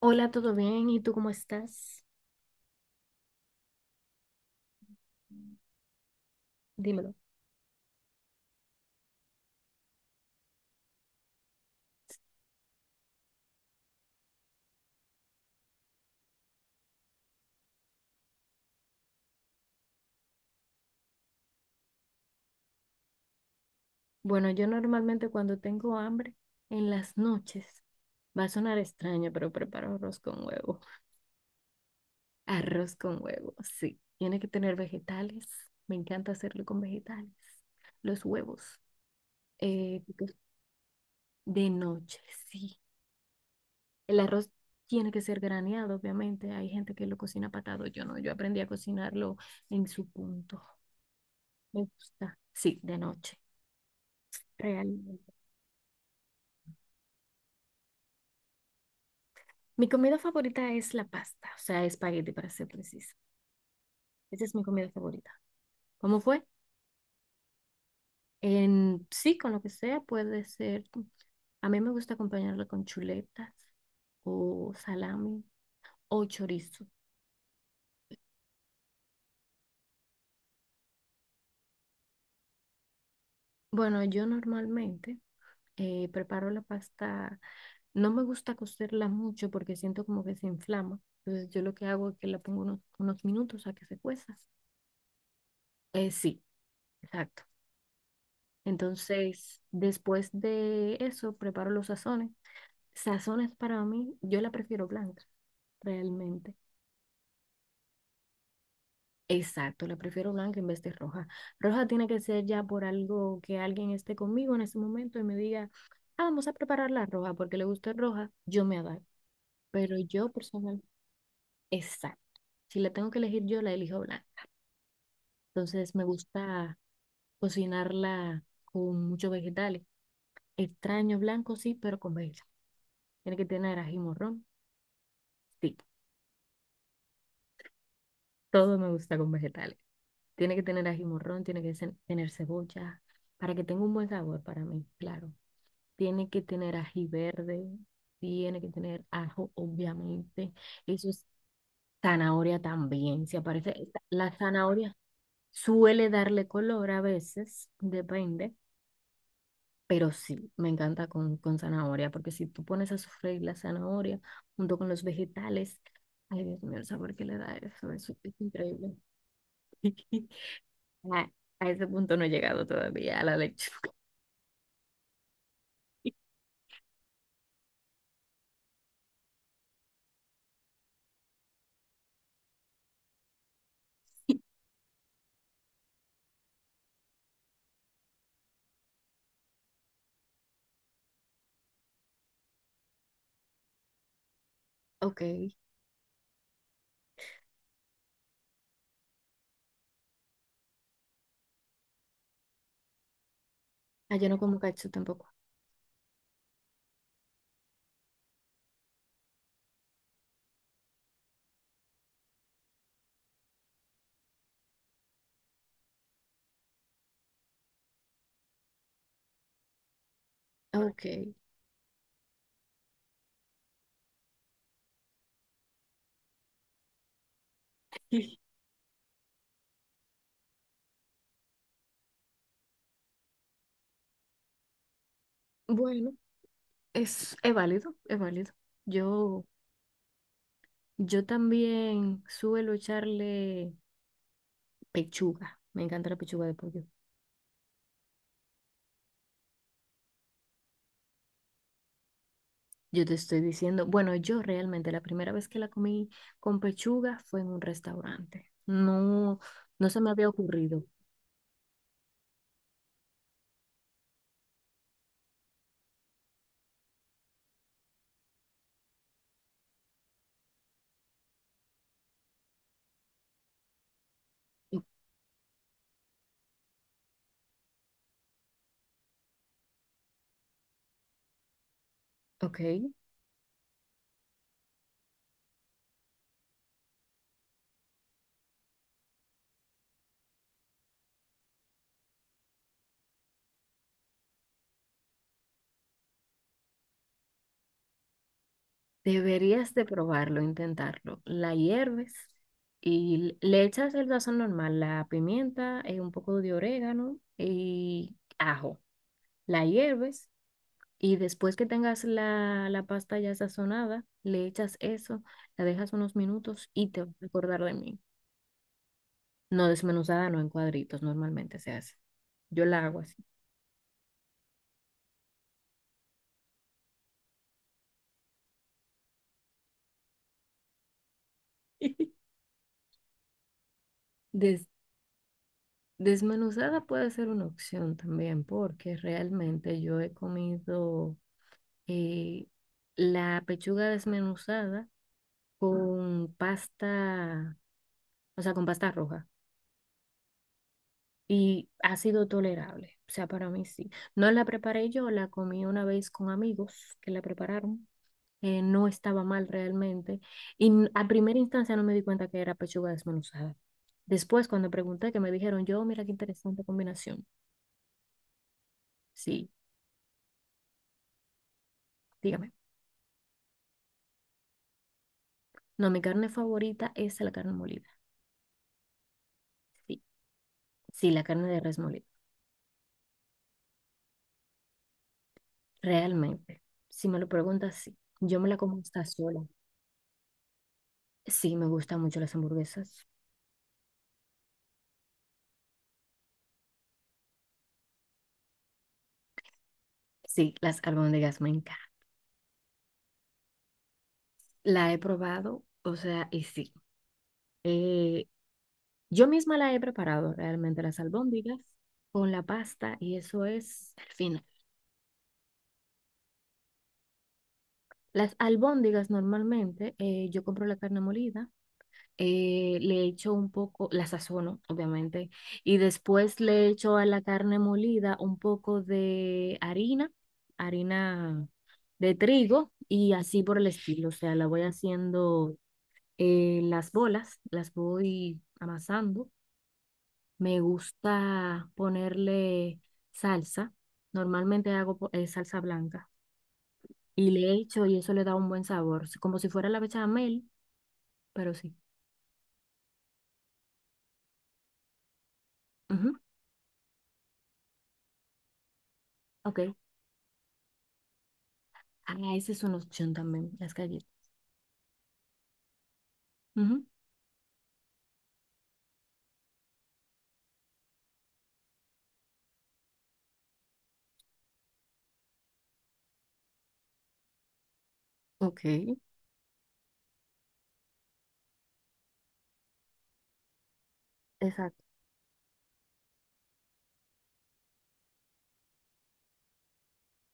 Hola, ¿todo bien? ¿Y tú cómo estás? Dímelo. Bueno, yo normalmente cuando tengo hambre en las noches, va a sonar extraño, pero preparo arroz con huevo. Arroz con huevo, sí. Tiene que tener vegetales. Me encanta hacerlo con vegetales. Los huevos. eh, de noche, sí. El arroz tiene que ser graneado, obviamente. Hay gente que lo cocina patado. Yo no, yo aprendí a cocinarlo en su punto. Me gusta. Sí, de noche. Real. Mi comida favorita es la pasta, o sea, espagueti para ser precisa. Esa es mi comida favorita. ¿Cómo fue? En, sí, con lo que sea, puede ser. A mí me gusta acompañarla con chuletas o salami o chorizo. Bueno, yo normalmente preparo la pasta. No me gusta cocerla mucho porque siento como que se inflama. Entonces yo lo que hago es que la pongo unos minutos a que se cueza. Sí, exacto. Entonces, después de eso, preparo los sazones. Sazones para mí, yo la prefiero blanca, realmente. Exacto, la prefiero blanca en vez de roja. Roja tiene que ser ya por algo que alguien esté conmigo en ese momento y me diga, ah, vamos a preparar la roja porque le gusta roja, yo me adapto. Pero yo personal, exacto. Si la tengo que elegir yo, la elijo blanca. Entonces me gusta cocinarla con muchos vegetales. Extraño blanco, sí, pero con vegetales. Tiene que tener ají morrón, sí. Todo me gusta con vegetales. Tiene que tener ají morrón, tiene que tener cebolla, para que tenga un buen sabor para mí, claro. Tiene que tener ají verde, tiene que tener ajo, obviamente. Eso es zanahoria también, se aparece. La zanahoria suele darle color a veces, depende, pero sí, me encanta con zanahoria, porque si tú pones a sofreír la zanahoria junto con los vegetales, ay Dios mío, el sabor que le da eso, eso es increíble. A, a ese punto no he llegado todavía, a la lechuga. Ok. Ah, yo no como cacho tampoco. Ok. Bueno, es válido, es válido. Yo, yo también suelo echarle pechuga. Me encanta la pechuga de pollo. Yo te estoy diciendo, bueno, yo realmente la primera vez que la comí con pechuga fue en un restaurante. No, no se me había ocurrido. O- Ok. Deberías de probarlo, intentarlo. La hierves y le echas el sazón normal, la pimienta, un poco de orégano y ajo. La hierves y después que tengas la pasta ya sazonada, le echas eso, la dejas unos minutos y te vas a acordar de mí. No desmenuzada, no en cuadritos, normalmente se hace. Yo la hago así. Des- Desmenuzada puede ser una opción también porque realmente yo he comido eh, la pechuga desmenuzada con pasta, o sea, con pasta roja. Y ha sido tolerable, o sea, para mí sí. No la preparé yo, la comí una vez con amigos que la prepararon. No estaba mal realmente. Y a primera instancia no me di cuenta que era pechuga desmenuzada. Después, cuando pregunté, que me dijeron, yo, mira qué interesante combinación. Sí, dígame. No, mi carne favorita es la carne molida. Sí, sí, la carne de res molida. Realmente, si me lo preguntas, sí. Yo me la como hasta sola. Sí, me gustan mucho las hamburguesas. Sí, las albóndigas me encantan. La he probado, o sea, y sí. Eh, yo misma la he preparado realmente, las albóndigas con la pasta y eso es al final. Las albóndigas normalmente, yo compro la carne molida, le echo un poco, la sazono, obviamente, y después le echo a la carne molida un poco de harina, harina de trigo y así por el estilo. O sea, la voy haciendo las bolas, las voy amasando. Me gusta ponerle salsa. Normalmente hago salsa blanca y le echo y eso le da un buen sabor, como si fuera la bechamel, pero sí. Ujú. Ok. Ah, esa es una opción también, las galletas. Ujú. Ok. Exacto.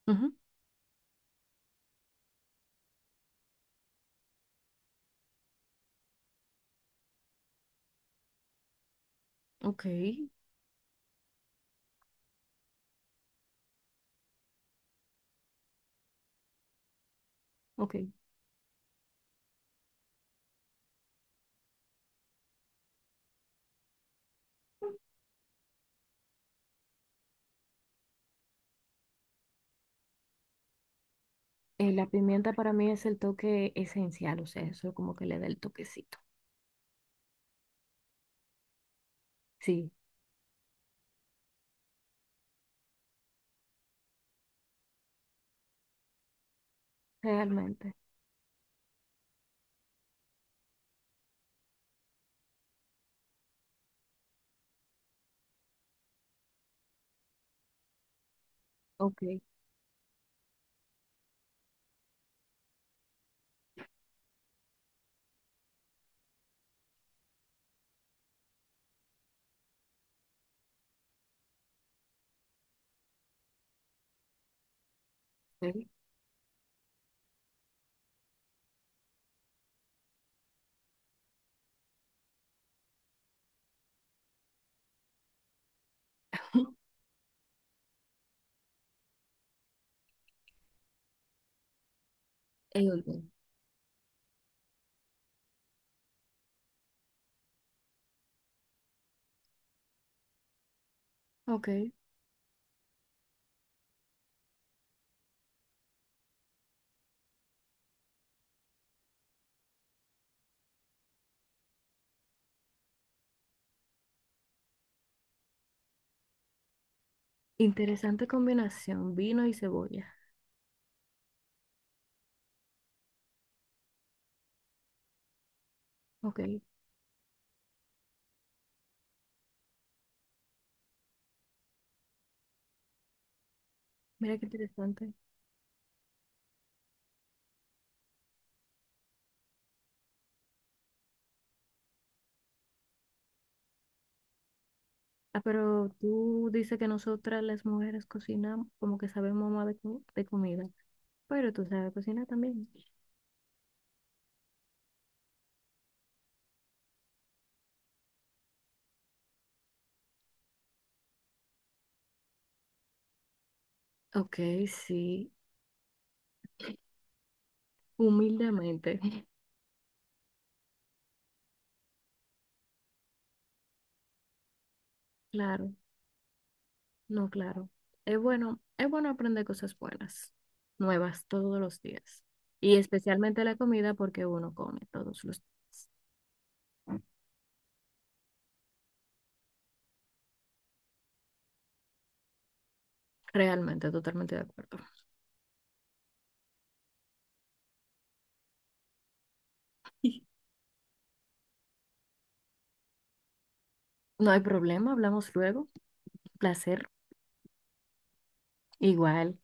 Ujú. Ok, ok. La pimienta para mí es el toque esencial, o sea, eso como que le da el toquecito. Sí. Realmente. Ok, sí. Ey, oye, ok, interesante combinación, vino y cebolla. Ok, mira qué interesante. Ah, pero tú dices que nosotras las mujeres cocinamos, como que sabemos más de, de comida, pero tú sabes cocinar también. Ok, sí, humildemente. Claro, no, claro. Es bueno aprender cosas buenas, nuevas todos los días. Y especialmente la comida porque uno come todos los días. Realmente, totalmente de acuerdo. No hay problema, hablamos luego. Placer. Igual.